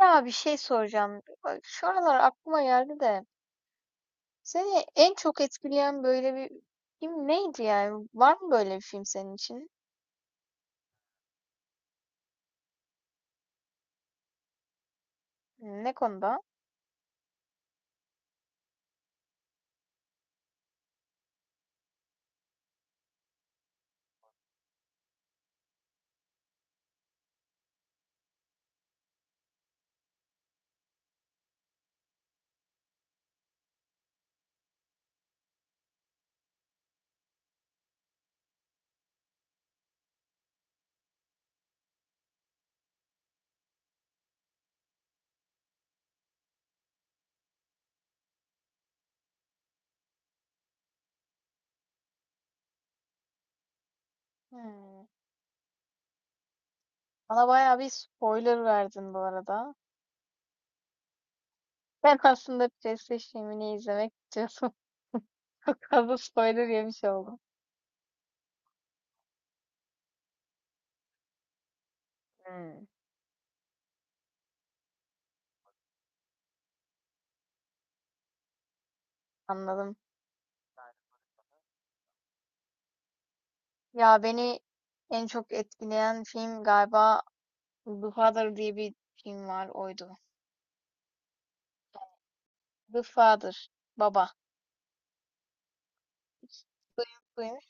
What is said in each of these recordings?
Ya bir şey soracağım. Bak, şu aralar aklıma geldi de seni en çok etkileyen böyle bir film neydi yani? Var mı böyle bir film senin için? Ne konuda? Hmm. Bana bayağı bir spoiler verdin bu arada. Ben aslında PlayStation filmini izlemek istiyordum. Çok fazla spoiler yemiş oldum. Hmm, anladım. Ya beni en çok etkileyen film galiba The Father diye bir film var oydu. The Father. Baba. Duymuş.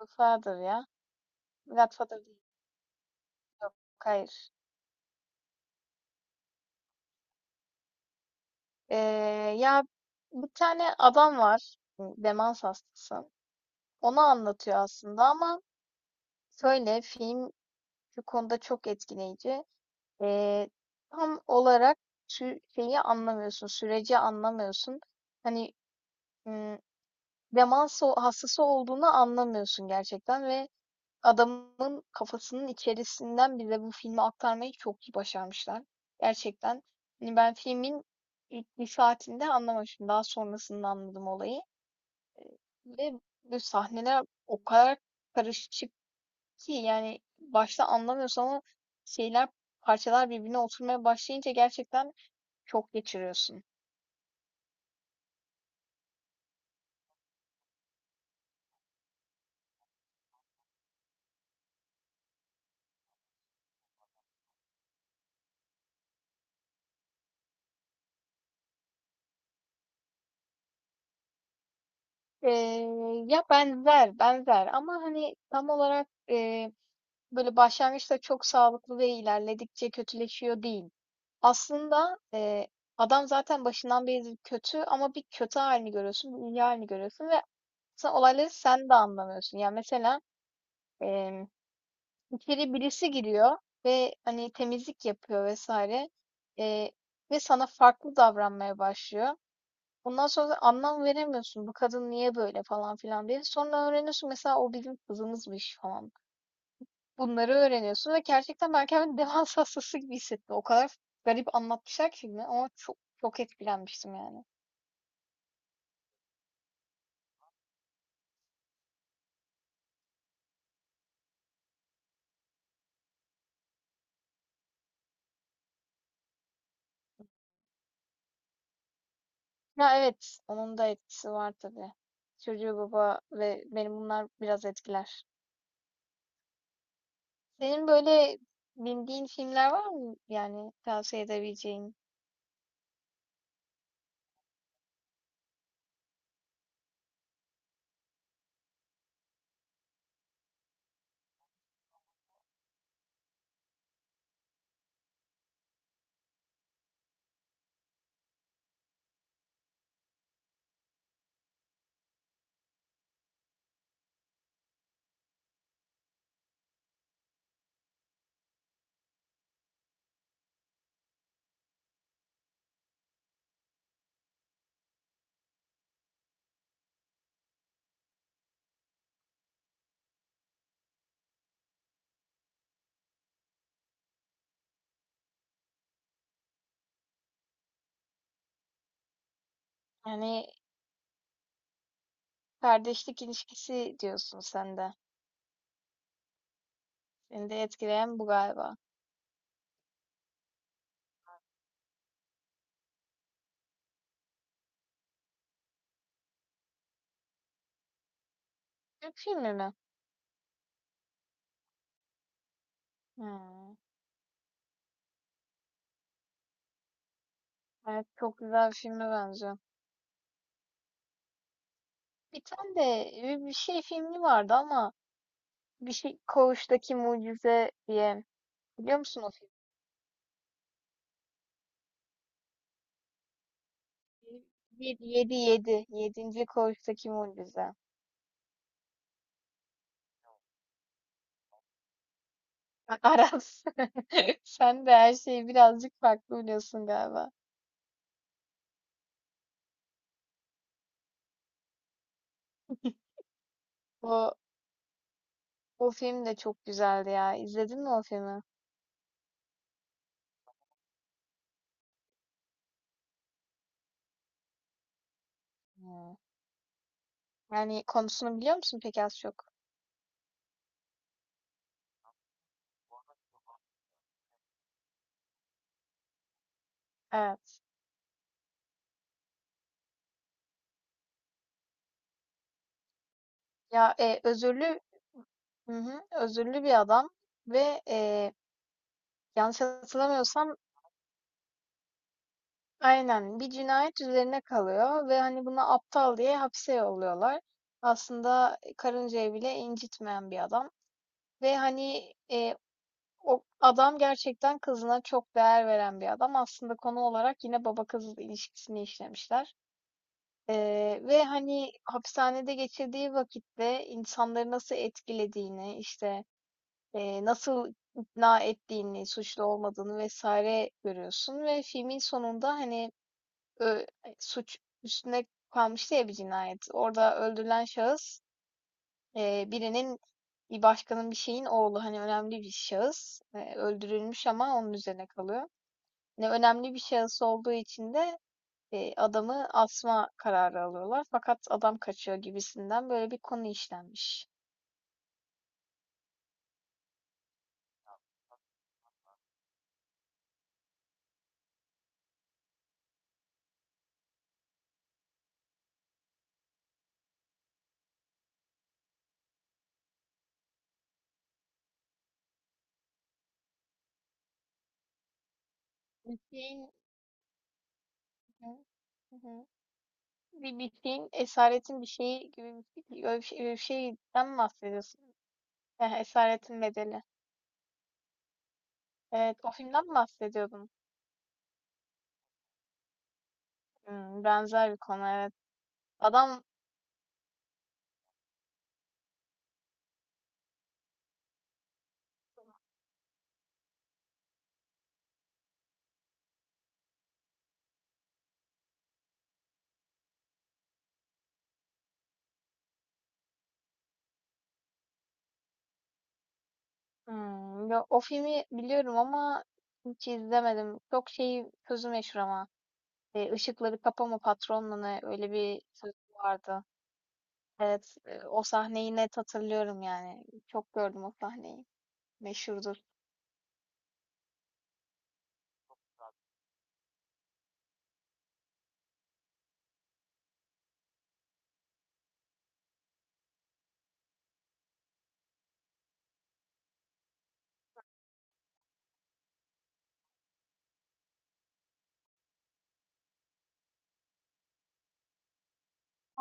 The Father ya. Godfather değil. Yok, hayır. Ee, ya bir tane adam var. Demans hastası. Onu anlatıyor aslında ama şöyle film şu konuda çok etkileyici. Ee, tam olarak şeyi anlamıyorsun. Süreci anlamıyorsun. Hani m, demans hastası olduğunu anlamıyorsun gerçekten ve adamın kafasının içerisinden bize bu filmi aktarmayı çok iyi başarmışlar. Gerçekten. Hani ben filmin ilk bir saatinde anlamamıştım. Daha sonrasında anladım olayı. Ve bu sahneler o kadar karışık ki yani başta anlamıyorsun ama şeyler parçalar birbirine oturmaya başlayınca gerçekten çok geçiriyorsun. Ee, ya benzer benzer ama hani tam olarak böyle başlangıçta çok sağlıklı ve ilerledikçe kötüleşiyor değil. Aslında adam zaten başından beri kötü ama bir kötü halini görüyorsun, bir iyi halini görüyorsun ve aslında olayları sen de anlamıyorsun. Yani mesela e, içeri birisi giriyor ve hani temizlik yapıyor vesaire e, ve sana farklı davranmaya başlıyor. Ondan sonra da anlam veremiyorsun bu kadın niye böyle falan filan diye. Sonra öğreniyorsun mesela o bizim kızımızmış falan. Bunları öğreniyorsun ve gerçekten ben kendimi demans hastası gibi hissettim. O kadar garip anlatmışlar ki filmi ama çok çok etkilenmiştim yani. Ya evet, onun da etkisi var tabii. Çocuğu baba ve benim bunlar biraz etkiler. Senin böyle bildiğin filmler var mı yani tavsiye edebileceğin? Yani kardeşlik ilişkisi diyorsun sen de. Seni de etkileyen bu galiba. Türk filmi mi? Hmm. Evet, çok güzel bir filme benziyor. Bir tane de bir şey filmi vardı ama bir şey Koğuştaki Mucize diye. Biliyor musun o filmi? Bir, yedi, yedi. Yedinci Koğuştaki Mucize. Aras. Sen de her şeyi birazcık farklı biliyorsun galiba. O, o film de çok güzeldi ya. İzledin mi o filmi? Hmm. Yani konusunu biliyor musun peki az çok? Evet. Ya özürlü, hı hı, özürlü bir adam ve yanlış hatırlamıyorsam. Aynen. Bir cinayet üzerine kalıyor ve hani buna aptal diye hapse yolluyorlar. Aslında karıncayı bile incitmeyen bir adam. Ve hani o adam gerçekten kızına çok değer veren bir adam. Aslında konu olarak yine baba kız ilişkisini işlemişler. E, ve hani hapishanede geçirdiği vakitte insanları nasıl etkilediğini, işte nasıl ikna ettiğini, suçlu olmadığını vesaire görüyorsun. Ve filmin sonunda hani Eee, suç üstüne kalmıştı ya bir cinayet. Orada öldürülen şahıs, birinin, bir başkanın, bir şeyin oğlu. Hani önemli bir şahıs. Öldürülmüş ama onun üzerine kalıyor. Ne önemli bir şahıs olduğu için de, adamı asma kararı alıyorlar. Fakat adam kaçıyor gibisinden böyle bir konu işlenmiş. Bir şeyin Hı hı. Hı. Bir şeyin esaretin bir şeyi gibi bir, öyle bir, şey, öyle bir şeyden mi bahsediyorsun? Heh, Esaretin Bedeli. Evet, o filmden mi bahsediyordun? Hımm, benzer bir konu, evet. Adam Hımm, ya, o filmi biliyorum ama hiç izlemedim. Çok şey sözü meşhur ama, "Işıkları kapama patron" ne, öyle bir sözü vardı. Evet, o sahneyi net hatırlıyorum yani. Çok gördüm o sahneyi. Meşhurdur.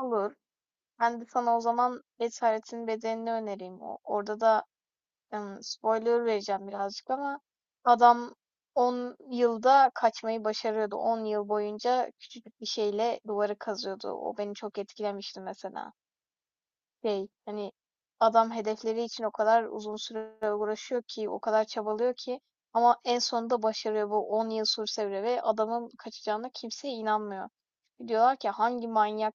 Olur. Ben de sana o zaman "Esaretin bedenini önereyim. O orada da spoiler vereceğim birazcık ama adam 10 yılda kaçmayı başarıyordu. 10 yıl boyunca küçücük bir şeyle duvarı kazıyordu. O beni çok etkilemişti mesela. Hani adam hedefleri için o kadar uzun süre uğraşıyor ki, o kadar çabalıyor ki ama en sonunda başarıyor bu 10 yıl sürse bile ve adamın kaçacağına kimse inanmıyor. Diyorlar ki hangi manyak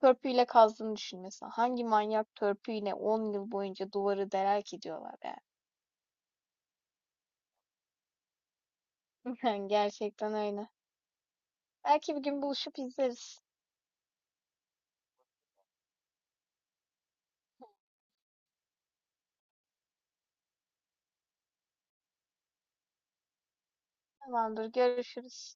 törpüyle kazdığını düşün mesela. Hangi manyak törpüyle 10 yıl boyunca duvarı deler ki diyorlar yani. Gerçekten öyle. Belki bir gün buluşup izleriz. Tamamdır, görüşürüz.